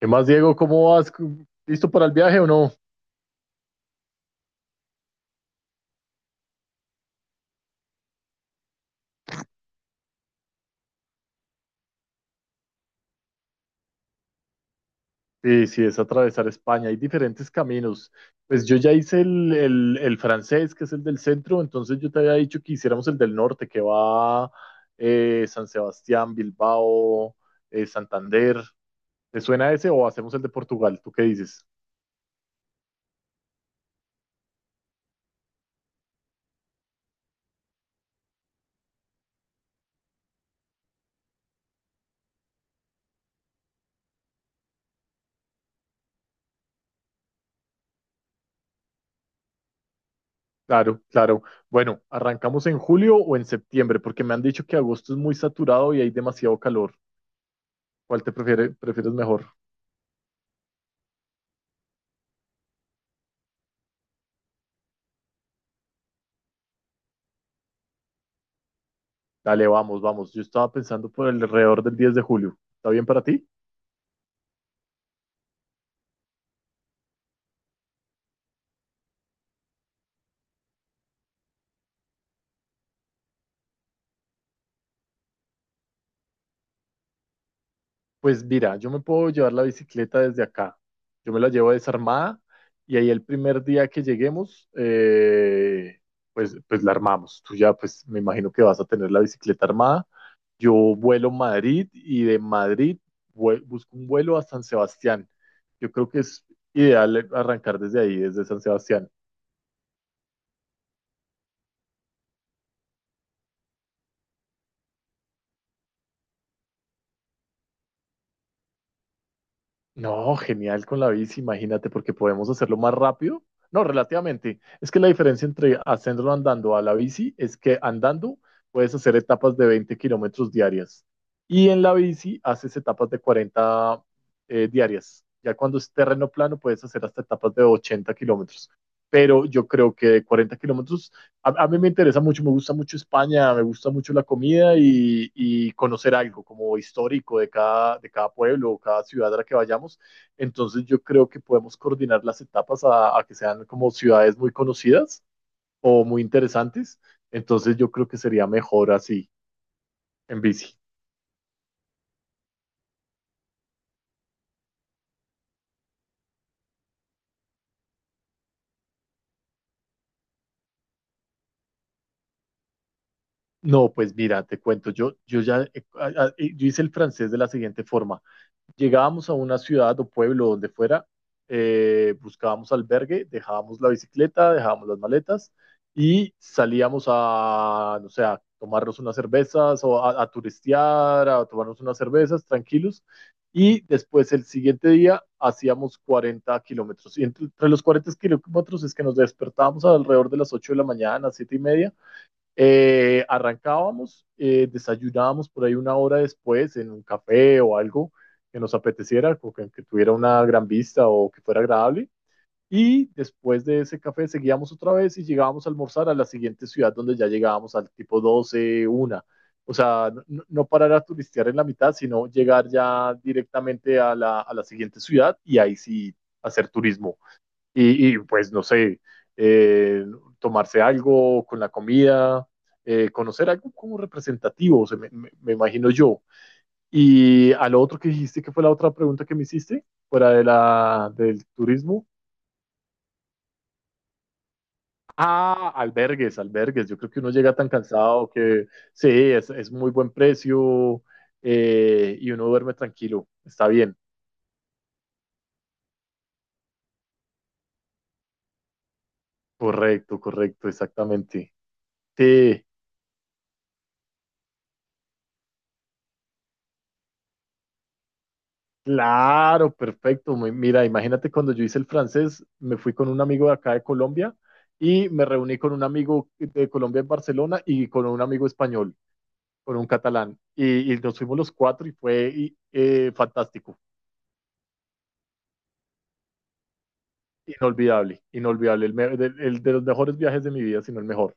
¿Qué más, Diego? ¿Cómo vas? ¿Listo para el viaje o no? Sí, sí, es atravesar España. Hay diferentes caminos. Pues yo ya hice el francés, que es el del centro, entonces yo te había dicho que hiciéramos el del norte, que va San Sebastián, Bilbao, Santander. ¿Te suena ese o hacemos el de Portugal? ¿Tú qué dices? Claro, claro. Bueno, ¿arrancamos en julio o en septiembre? Porque me han dicho que agosto es muy saturado y hay demasiado calor. ¿ Prefieres mejor? Dale, vamos, vamos. Yo estaba pensando por alrededor del 10 de julio. ¿Está bien para ti? Pues mira, yo me puedo llevar la bicicleta desde acá. Yo me la llevo desarmada y ahí el primer día que lleguemos, pues, pues la armamos. Tú ya, pues me imagino que vas a tener la bicicleta armada. Yo vuelo a Madrid y de Madrid busco un vuelo a San Sebastián. Yo creo que es ideal arrancar desde ahí, desde San Sebastián. No, genial con la bici, imagínate, porque podemos hacerlo más rápido. No, relativamente. Es que la diferencia entre hacerlo andando a la bici es que andando puedes hacer etapas de 20 kilómetros diarias y en la bici haces etapas de 40 diarias. Ya cuando es terreno plano puedes hacer hasta etapas de 80 kilómetros. Pero yo creo que de 40 kilómetros mí me interesa mucho, me gusta mucho España, me gusta mucho la comida y conocer algo como histórico de cada pueblo o cada ciudad a la que vayamos. Entonces yo creo que podemos coordinar las etapas a que sean como ciudades muy conocidas o muy interesantes. Entonces yo creo que sería mejor así, en bici. No, pues mira, te cuento, yo, yo hice el francés de la siguiente forma. Llegábamos a una ciudad o pueblo donde fuera, buscábamos albergue, dejábamos la bicicleta, dejábamos las maletas y salíamos a, no sé, a tomarnos unas cervezas o a turistear, a tomarnos unas cervezas tranquilos. Y después el siguiente día hacíamos 40 kilómetros. Y entre los 40 kilómetros es que nos despertábamos alrededor de las 8 de la mañana, 7 y media, arrancábamos, desayunábamos por ahí una hora después en un café o algo que nos apeteciera, que tuviera una gran vista o que fuera agradable. Y después de ese café seguíamos otra vez y llegábamos a almorzar a la siguiente ciudad donde ya llegábamos al tipo 12, una. O sea, no, no parar a turistear en la mitad, sino llegar ya directamente a a la siguiente ciudad y ahí sí hacer turismo y pues no sé, eh, tomarse algo con la comida, conocer algo como representativo, o sea, imagino yo. Y a lo otro que dijiste, que fue la otra pregunta que me hiciste, fuera de del turismo. Ah, albergues, albergues. Yo creo que uno llega tan cansado que sí, es muy buen precio y uno duerme tranquilo. Está bien. Correcto, correcto, exactamente. Sí, claro, perfecto. Mira, imagínate cuando yo hice el francés, me fui con un amigo de acá de Colombia y me reuní con un amigo de Colombia en Barcelona y con un amigo español, con un catalán. Y nos fuimos los cuatro y fue y, fantástico, inolvidable, inolvidable. El, el de los mejores viajes de mi vida, sino el mejor.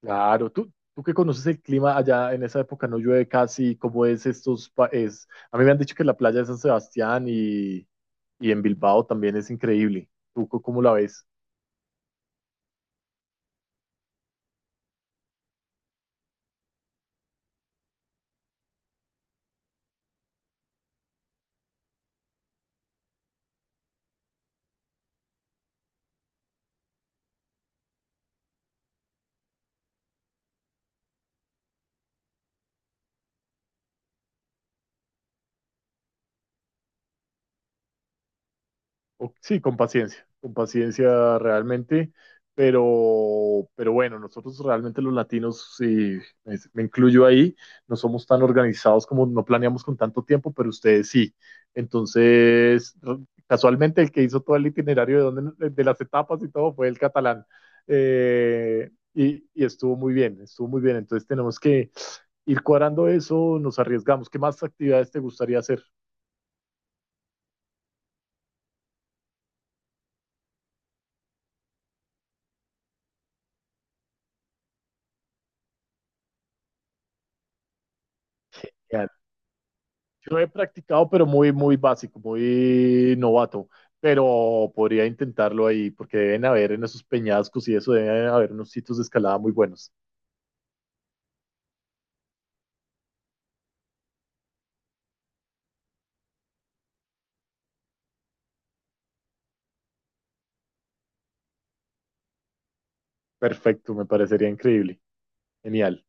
Claro, tú que conoces el clima allá en esa época, no llueve casi, ¿cómo es estos? Es, a mí me han dicho que la playa de San Sebastián y en Bilbao también es increíble. ¿Tú cómo la ves? Sí, con paciencia realmente, pero bueno, nosotros realmente los latinos, y me incluyo ahí, no somos tan organizados como no planeamos con tanto tiempo, pero ustedes sí. Entonces, casualmente el que hizo todo el itinerario de, de las etapas y todo fue el catalán. Y estuvo muy bien, estuvo muy bien. Entonces tenemos que ir cuadrando eso, nos arriesgamos. ¿Qué más actividades te gustaría hacer? Yo he practicado, pero muy, muy básico, muy novato. Pero podría intentarlo ahí, porque deben haber en esos peñascos y eso, deben haber unos sitios de escalada muy buenos. Perfecto, me parecería increíble. Genial.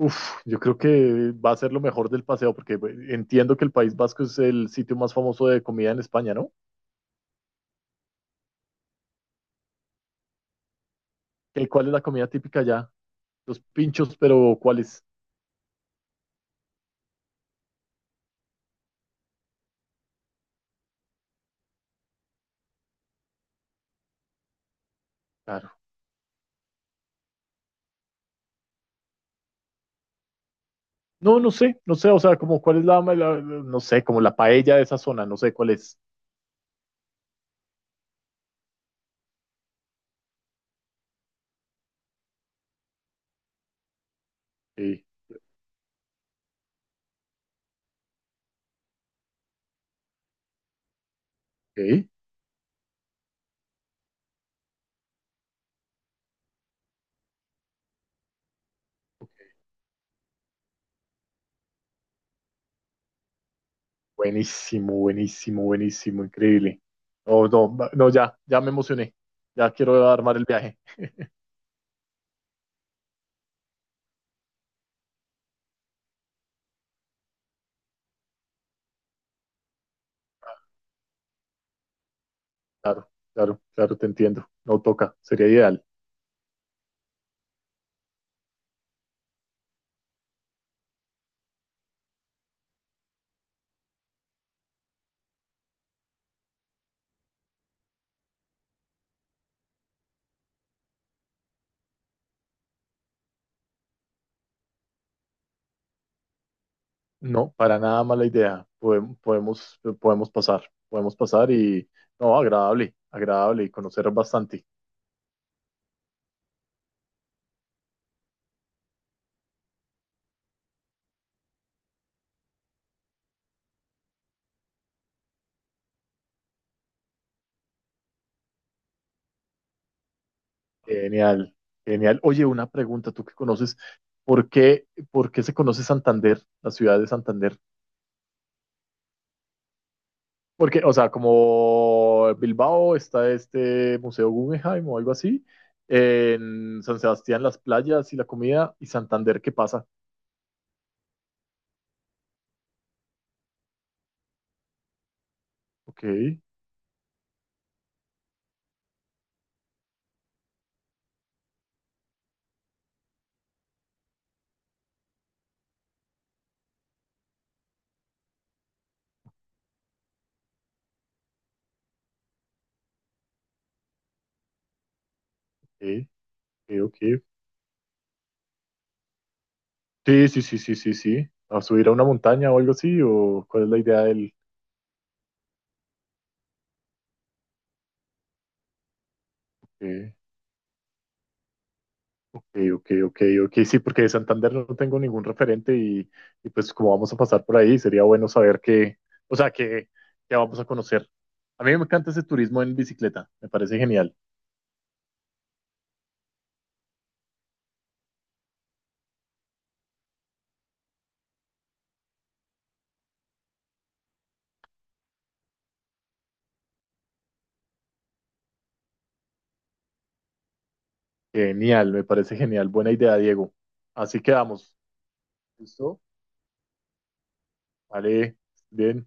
Uf, yo creo que va a ser lo mejor del paseo, porque pues, entiendo que el País Vasco es el sitio más famoso de comida en España, ¿no? ¿Cuál es la comida típica allá? Los pinchos, pero ¿cuáles? Claro. No, no sé, no sé, o sea, como cuál es la no sé, como la paella de esa zona, no sé cuál es. Sí, ok, ok. Buenísimo, buenísimo, buenísimo, increíble. No, no, no, ya, ya me emocioné. Ya quiero armar el viaje. Claro, claro, claro, te entiendo. No toca, sería ideal. No, para nada mala idea. Podemos, podemos pasar, podemos pasar y, no, agradable, agradable y conocer bastante. Genial, genial. Oye, una pregunta, tú que conoces, por qué se conoce Santander, la ciudad de Santander? Porque, o sea, como Bilbao está este Museo Guggenheim o algo así, en San Sebastián las playas y la comida, y Santander, ¿qué pasa? Ok, ok, ok, ok. Sí, sí, sí, sí, sí, sí. ¿A subir a una montaña o algo así? ¿O cuál es la idea del...? Ok, ok, ok, ok, ok, sí, porque de Santander no tengo ningún referente y pues como vamos a pasar por ahí, sería bueno saber qué, o sea, qué, qué vamos a conocer. A mí me encanta ese turismo en bicicleta, me parece genial. Genial, me parece genial. Buena idea, Diego. Así quedamos. ¿Listo? Vale, bien.